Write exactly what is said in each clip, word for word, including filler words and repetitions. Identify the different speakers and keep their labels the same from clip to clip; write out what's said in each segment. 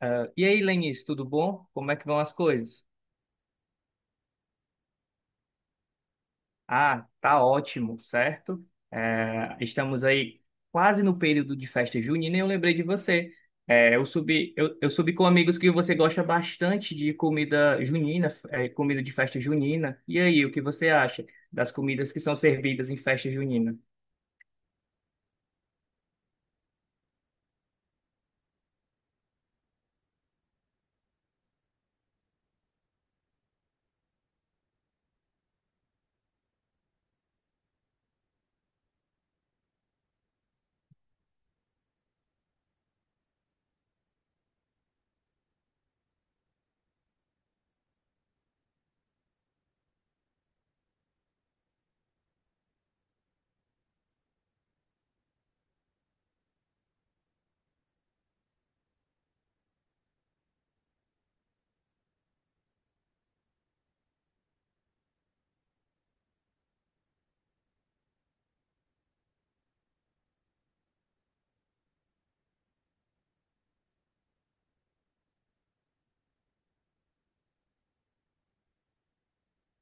Speaker 1: Ah, e aí, Lenice, tudo bom? Como é que vão as coisas? Ah, tá ótimo, certo? Eh, estamos aí quase no período de festa junina e eu lembrei de você. Eh, eu subi, eu, eu subi com amigos que você gosta bastante de comida junina, eh, comida de festa junina. E aí, o que você acha das comidas que são servidas em festa junina?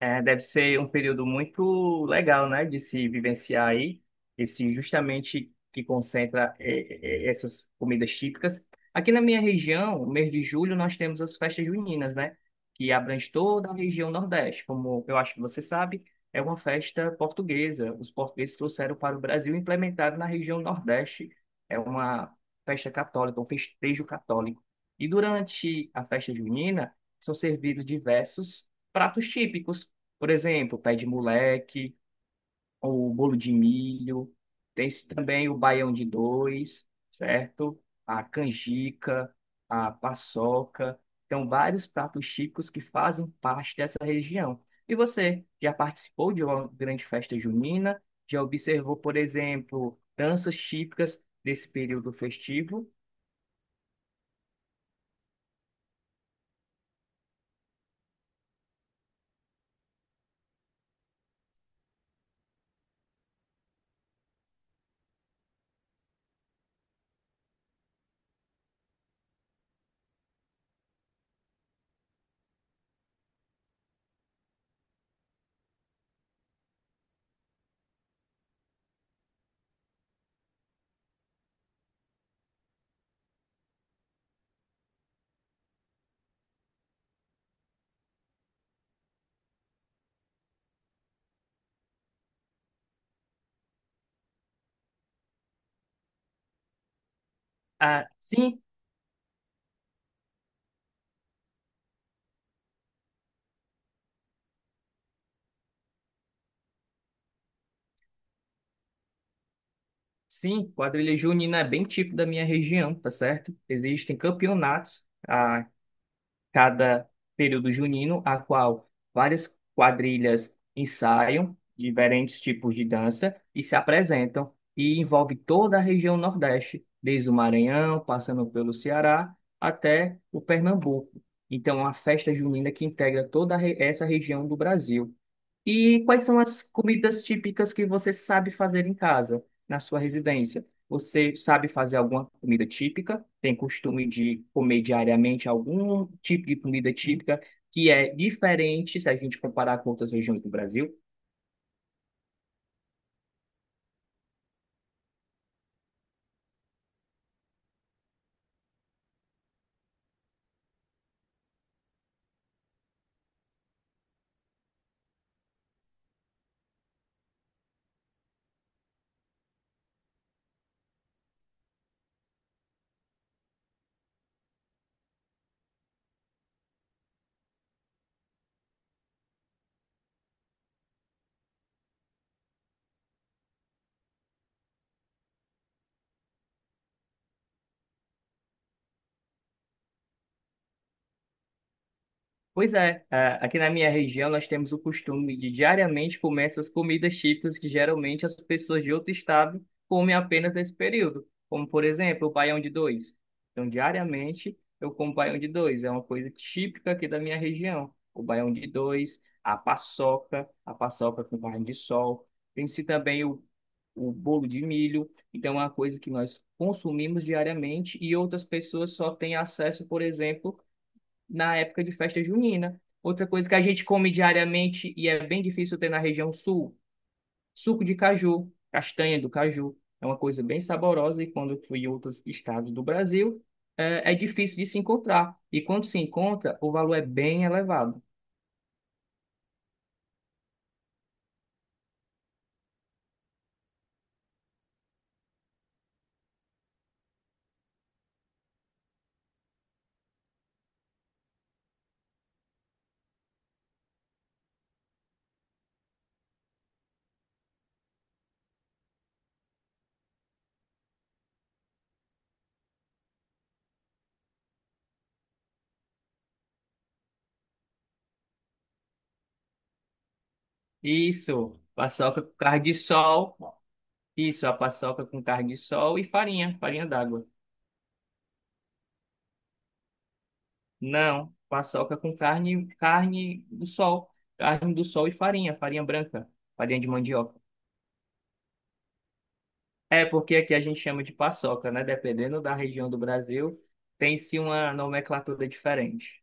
Speaker 1: É, deve ser um período muito legal, né, de se vivenciar aí, esse justamente que concentra é, é, essas comidas típicas. Aqui na minha região, no mês de julho, nós temos as festas juninas, né, que abrange toda a região Nordeste. Como eu acho que você sabe, é uma festa portuguesa. Os portugueses trouxeram para o Brasil e implementaram na região Nordeste. É uma festa católica, um festejo católico. E durante a festa junina, são servidos diversos pratos típicos, por exemplo, pé de moleque, o bolo de milho, tem também o baião de dois, certo? A canjica, a paçoca. Então, vários pratos típicos que fazem parte dessa região. E você já participou de uma grande festa junina? Já observou, por exemplo, danças típicas desse período festivo? Ah, sim, sim, quadrilha junina é bem típico da minha região, tá certo? Existem campeonatos. Ah, cada período junino, a qual várias quadrilhas ensaiam diferentes tipos de dança e se apresentam, e envolve toda a região Nordeste, desde o Maranhão, passando pelo Ceará até o Pernambuco. Então, é uma festa junina que integra toda a re- essa região do Brasil. E quais são as comidas típicas que você sabe fazer em casa, na sua residência? Você sabe fazer alguma comida típica? Tem costume de comer diariamente algum tipo de comida típica que é diferente se a gente comparar com outras regiões do Brasil? Pois é, é, aqui na minha região nós temos o costume de diariamente comer essas comidas típicas que geralmente as pessoas de outro estado comem apenas nesse período, como por exemplo o baião de dois. Então diariamente eu como baião de dois, é uma coisa típica aqui da minha região. O baião de dois, a paçoca, a paçoca com carne de sol, tem-se também o, o bolo de milho, então é uma coisa que nós consumimos diariamente e outras pessoas só têm acesso, por exemplo, na época de festa junina. Outra coisa que a gente come diariamente e é bem difícil ter na região sul, suco de caju, castanha do caju. É uma coisa bem saborosa e quando eu fui em outros estados do Brasil, é, é difícil de se encontrar. E quando se encontra, o valor é bem elevado. Isso, paçoca com carne de sol. Isso, a paçoca com carne de sol e farinha, farinha d'água. Não, paçoca com carne, carne do sol, carne do sol e farinha, farinha branca, farinha de mandioca. É, porque aqui a gente chama de paçoca, né? Dependendo da região do Brasil, tem-se uma nomenclatura diferente.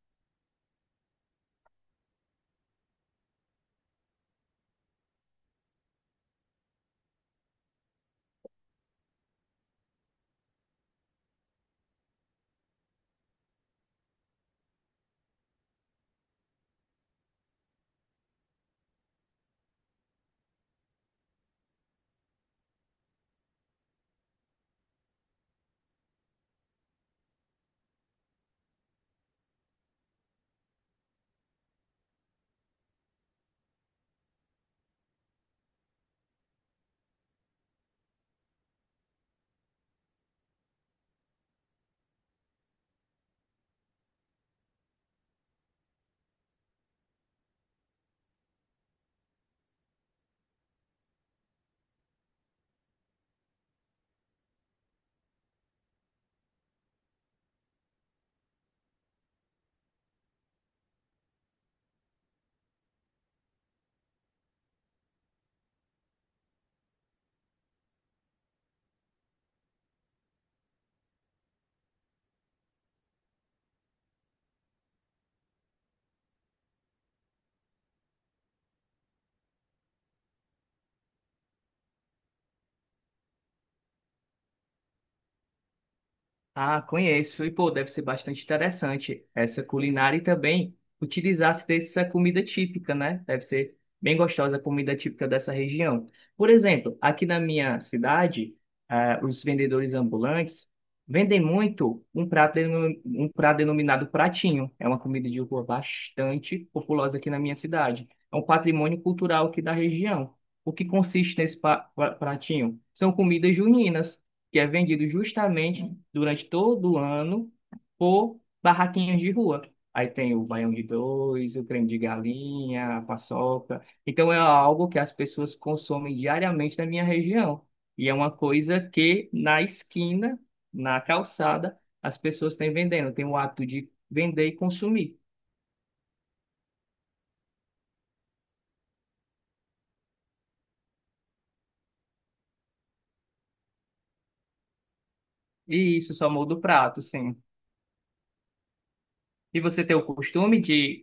Speaker 1: Ah, conheço. E, pô, deve ser bastante interessante essa culinária e também utilizar-se dessa comida típica, né? Deve ser bem gostosa a comida típica dessa região. Por exemplo, aqui na minha cidade, ah, os vendedores ambulantes vendem muito um prato, deno- um prato denominado pratinho. É uma comida de rua bastante populosa aqui na minha cidade. É um patrimônio cultural aqui da região. O que consiste nesse pa- pra- pratinho? São comidas juninas que é vendido justamente durante todo o ano por barraquinhas de rua. Aí tem o baião de dois, o creme de galinha, a paçoca. Então é algo que as pessoas consomem diariamente na minha região. E é uma coisa que na esquina, na calçada, as pessoas têm vendendo, têm o hábito de vender e consumir. E isso só muda o prato, sim. E você tem o costume de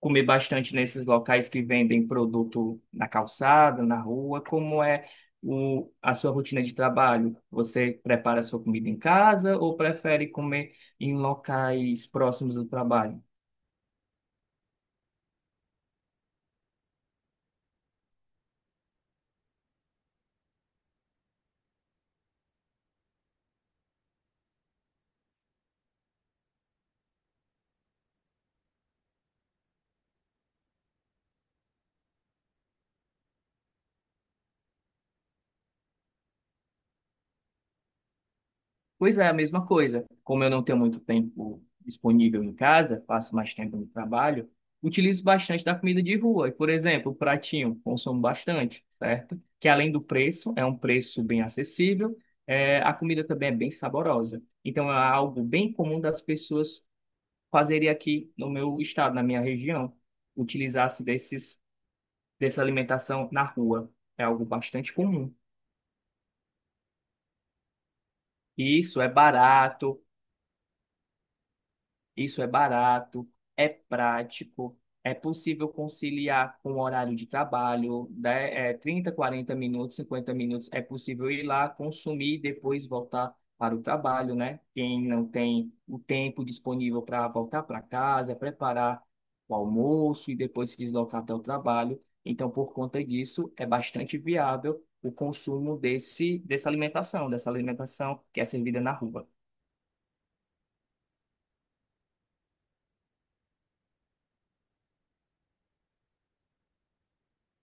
Speaker 1: comer bastante nesses locais que vendem produto na calçada, na rua? Como é o, a sua rotina de trabalho? Você prepara sua comida em casa ou prefere comer em locais próximos do trabalho? Pois é, a mesma coisa. Como eu não tenho muito tempo disponível em casa, passo mais tempo no trabalho, utilizo bastante da comida de rua. E, por exemplo, o pratinho, consumo bastante, certo? Que além do preço, é um preço bem acessível, é, a comida também é bem saborosa. Então, é algo bem comum das pessoas fazerem aqui no meu estado, na minha região, utilizar-se desses, dessa alimentação na rua. É algo bastante comum. E isso é barato Isso é barato, é prático, é possível conciliar com o horário de trabalho, né? É trinta quarenta minutos, cinquenta minutos, é possível ir lá, consumir e depois voltar para o trabalho, né? Quem não tem o tempo disponível para voltar para casa, preparar o almoço e depois se deslocar até o trabalho. Então, por conta disso, é bastante viável o consumo desse, dessa alimentação, dessa alimentação que é servida na rua.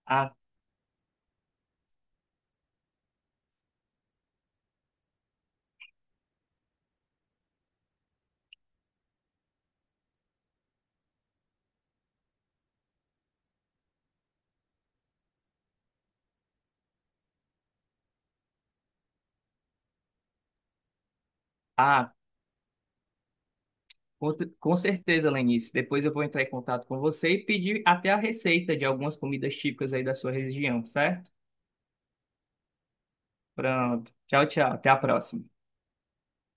Speaker 1: A, a Com com certeza, Lenice. Depois eu vou entrar em contato com você e pedir até a receita de algumas comidas típicas aí da sua região, certo? Pronto. Tchau, tchau. Até a próxima.